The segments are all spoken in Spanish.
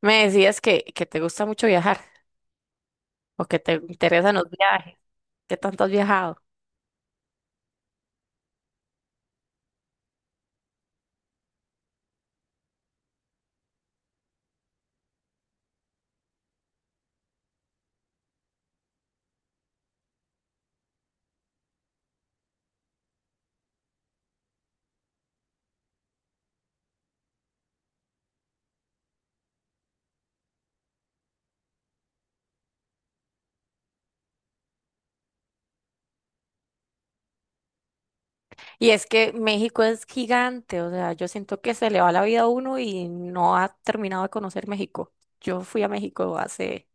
Me decías que, te gusta mucho viajar o que te interesan los viajes. ¿Qué tanto has viajado? Y es que México es gigante, o sea, yo siento que se le va la vida a uno y no ha terminado de conocer México. Yo fui a México hace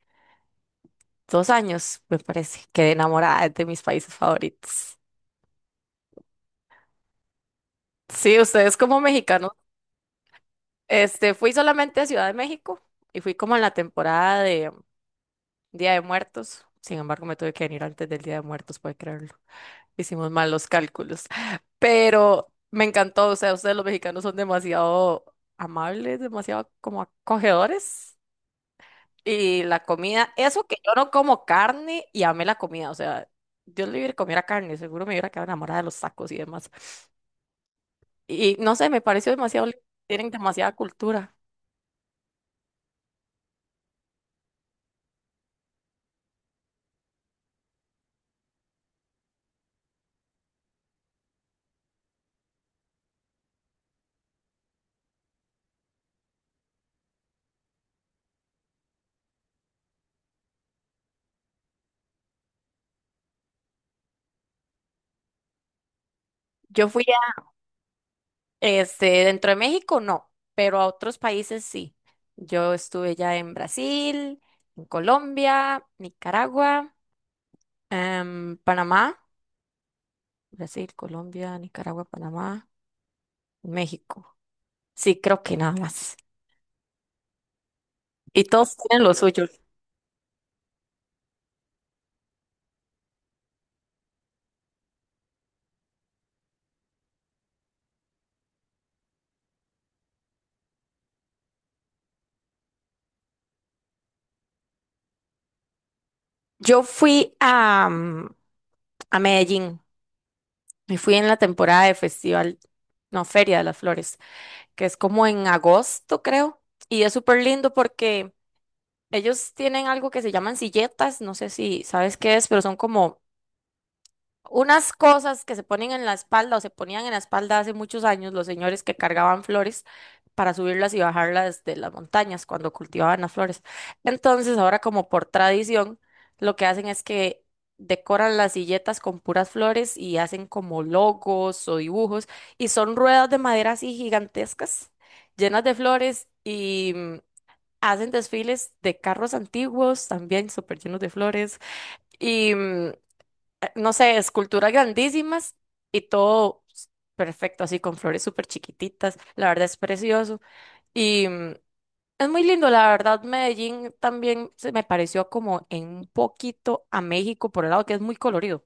dos años, me parece, quedé enamorada de mis países favoritos. Sí, ustedes como mexicanos, fui solamente a Ciudad de México y fui como en la temporada de Día de Muertos. Sin embargo, me tuve que venir antes del Día de Muertos, puede creerlo. Hicimos mal los cálculos. Pero me encantó, o sea, ustedes los mexicanos son demasiado amables, demasiado como acogedores. Y la comida, eso que yo no como carne y amé la comida, o sea, Dios libre que comiera carne, seguro me hubiera quedado enamorada de los tacos y demás. Y no sé, me pareció demasiado lindo, tienen demasiada cultura. Yo fui a, dentro de México no, pero a otros países sí. Yo estuve ya en Brasil, en Colombia, Nicaragua. Panamá, Brasil, Colombia, Nicaragua, Panamá, México. Sí, creo que nada más. Y todos tienen lo suyo. Yo fui a, a Medellín y fui en la temporada de festival, no, Feria de las Flores, que es como en agosto, creo. Y es súper lindo porque ellos tienen algo que se llaman silletas, no sé si sabes qué es, pero son como unas cosas que se ponen en la espalda o se ponían en la espalda hace muchos años los señores que cargaban flores para subirlas y bajarlas de las montañas cuando cultivaban las flores. Entonces, ahora como por tradición, lo que hacen es que decoran las silletas con puras flores y hacen como logos o dibujos y son ruedas de madera así gigantescas, llenas de flores y, hacen desfiles de carros antiguos también súper llenos de flores. Y, no sé, esculturas grandísimas y todo perfecto, así con flores súper chiquititas. La verdad es precioso. Y, es muy lindo, la verdad, Medellín también se me pareció como en un poquito a México por el lado que es muy colorido,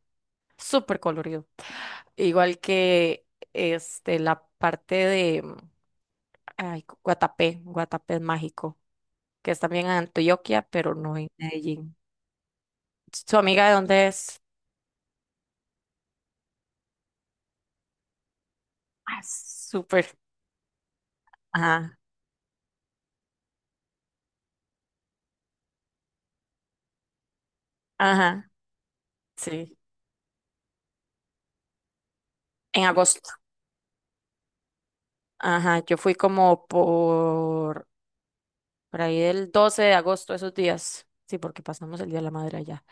súper colorido. Igual que la parte de, ay, Guatapé. Guatapé es mágico, que es también en Antioquia, pero no en Medellín. ¿Su amiga de dónde es? Ah, súper. Ajá, ajá, sí. En agosto. Ajá, yo fui como por ahí del 12 de agosto, esos días. Sí, porque pasamos el Día de la Madre allá.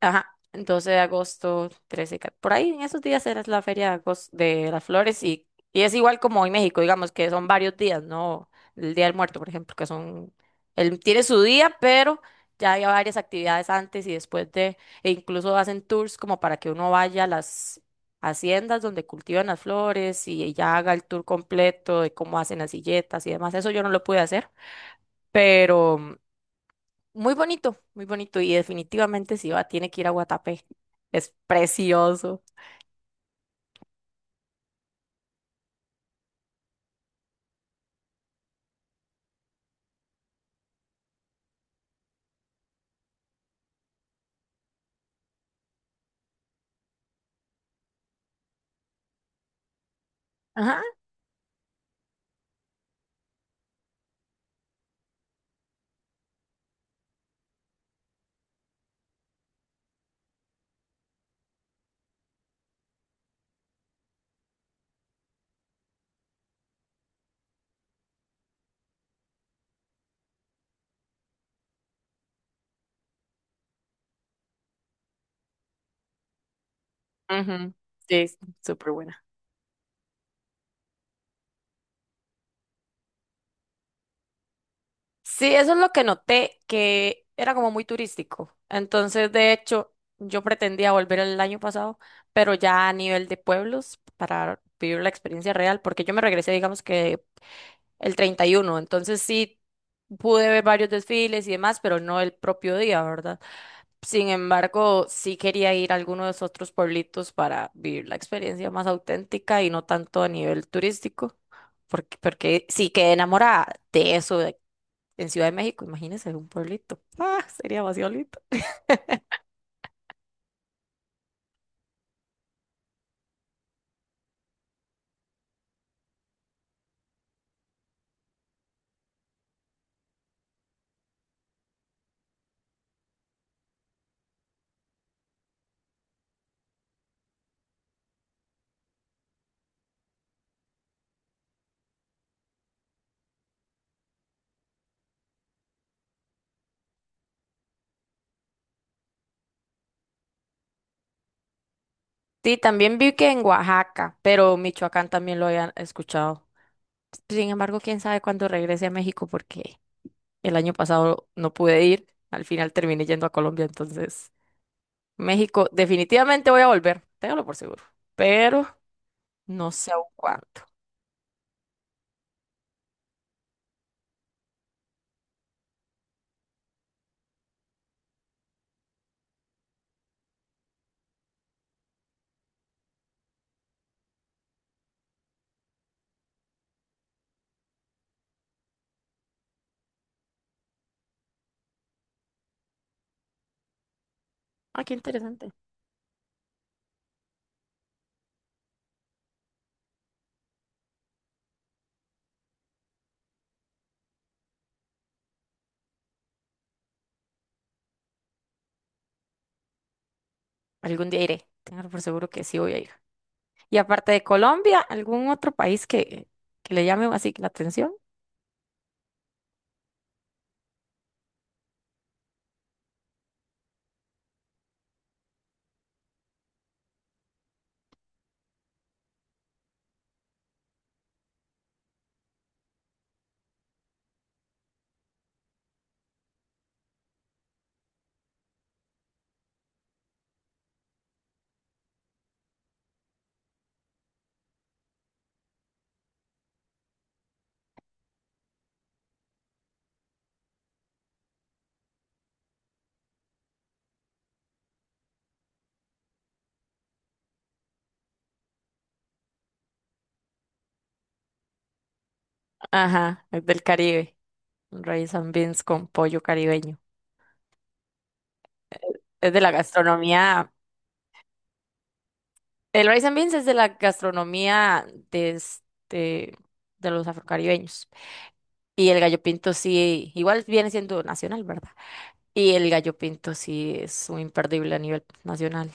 Ajá, 12 de agosto, por ahí en esos días era la feria de, de las flores, y es igual como en México, digamos que son varios días, ¿no? El Día del Muerto, por ejemplo, que son, él tiene su día, pero ya hay varias actividades antes y después de, e incluso hacen tours como para que uno vaya a las haciendas donde cultivan las flores y ya haga el tour completo de cómo hacen las silletas y demás. Eso yo no lo pude hacer, muy bonito, muy bonito, y definitivamente si va, tiene que ir a Guatapé. Es precioso. Ajá. Ujú. Sí, es súper buena. Sí, eso es lo que noté, que era como muy turístico. Entonces, de hecho, yo pretendía volver el año pasado, pero ya a nivel de pueblos para vivir la experiencia real, porque yo me regresé, digamos que el 31. Entonces sí pude ver varios desfiles y demás, pero no el propio día, ¿verdad? Sin embargo, sí quería ir a alguno de esos otros pueblitos para vivir la experiencia más auténtica y no tanto a nivel turístico, porque sí quedé enamorada de en Ciudad de México, imagínense un pueblito. Ah, sería demasiado lindo. Sí, también vi que en Oaxaca, pero Michoacán también lo habían escuchado. Sin embargo, quién sabe cuándo regrese a México porque el año pasado no pude ir, al final terminé yendo a Colombia, entonces México definitivamente voy a volver, téngalo por seguro. Pero no sé aún cuándo. Ah, qué interesante. Algún día iré. Tengo por seguro que sí voy a ir. Y aparte de Colombia, ¿algún otro país que le llame así la atención? Ajá, es del Caribe. Un rice and beans con pollo caribeño. Es de la gastronomía. El rice and beans es de la gastronomía de, de los afrocaribeños. Y el gallo pinto sí, igual viene siendo nacional, ¿verdad? Y el gallo pinto sí es un imperdible a nivel nacional.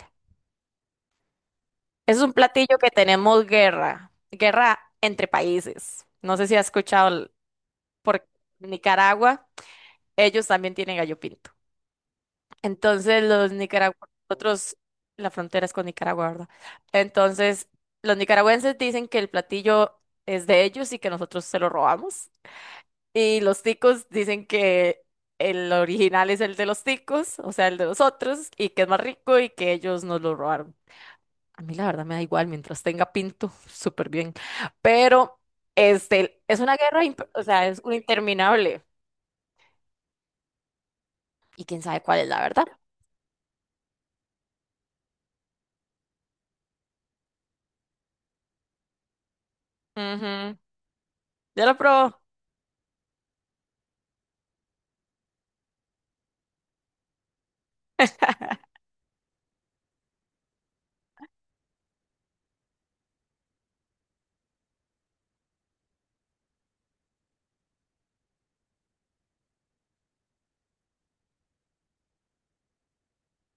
Es un platillo que tenemos guerra entre países. No sé si has escuchado por Nicaragua, ellos también tienen gallo pinto. Entonces los nicaragüenses, nosotros, la frontera es con Nicaragua, ¿verdad? Entonces los nicaragüenses dicen que el platillo es de ellos y que nosotros se lo robamos. Y los ticos dicen que el original es el de los ticos, o sea, el de nosotros, y que es más rico y que ellos nos lo robaron. A mí la verdad me da igual, mientras tenga pinto, súper bien. Pero es una guerra, o sea, es una interminable. Y quién sabe cuál es la verdad. Ujú. Ya lo probó.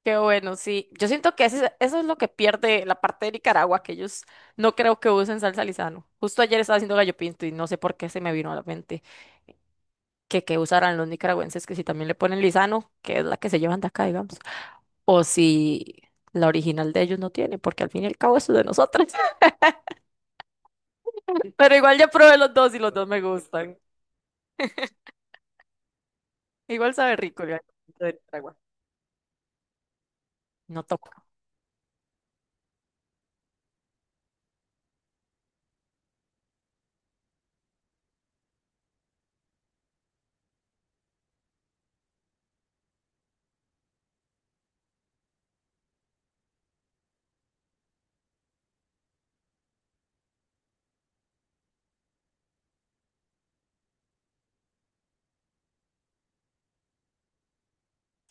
Qué bueno, sí. Yo siento que eso es lo que pierde la parte de Nicaragua, que ellos no creo que usen salsa Lizano. Justo ayer estaba haciendo gallo pinto y no sé por qué se me vino a la mente que usarán los nicaragüenses, que si también le ponen Lizano, que es la que se llevan de acá, digamos, o si la original de ellos no tiene, porque al fin y al cabo eso es de nosotros. Pero igual ya probé los dos y los dos me gustan. Igual sabe rico el gallo de Nicaragua. No toca.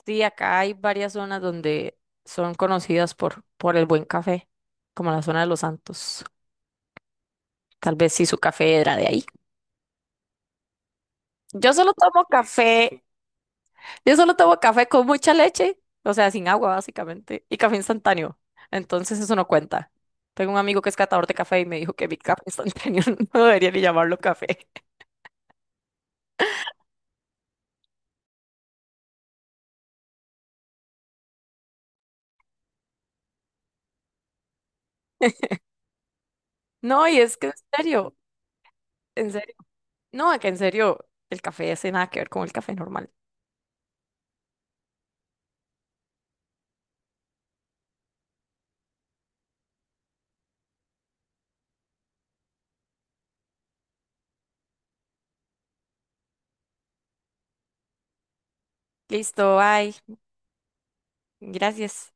Sí, acá hay varias zonas donde son conocidas por el buen café, como la zona de Los Santos. Tal vez sí su café era de ahí. Yo solo tomo café, yo solo tomo café con mucha leche, o sea, sin agua básicamente, y café instantáneo. Entonces eso no cuenta. Tengo un amigo que es catador de café y me dijo que mi café instantáneo no debería ni llamarlo café. No, y es que en serio, en serio. No, que en serio, el café hace nada que ver con el café normal. Listo, bye. Gracias.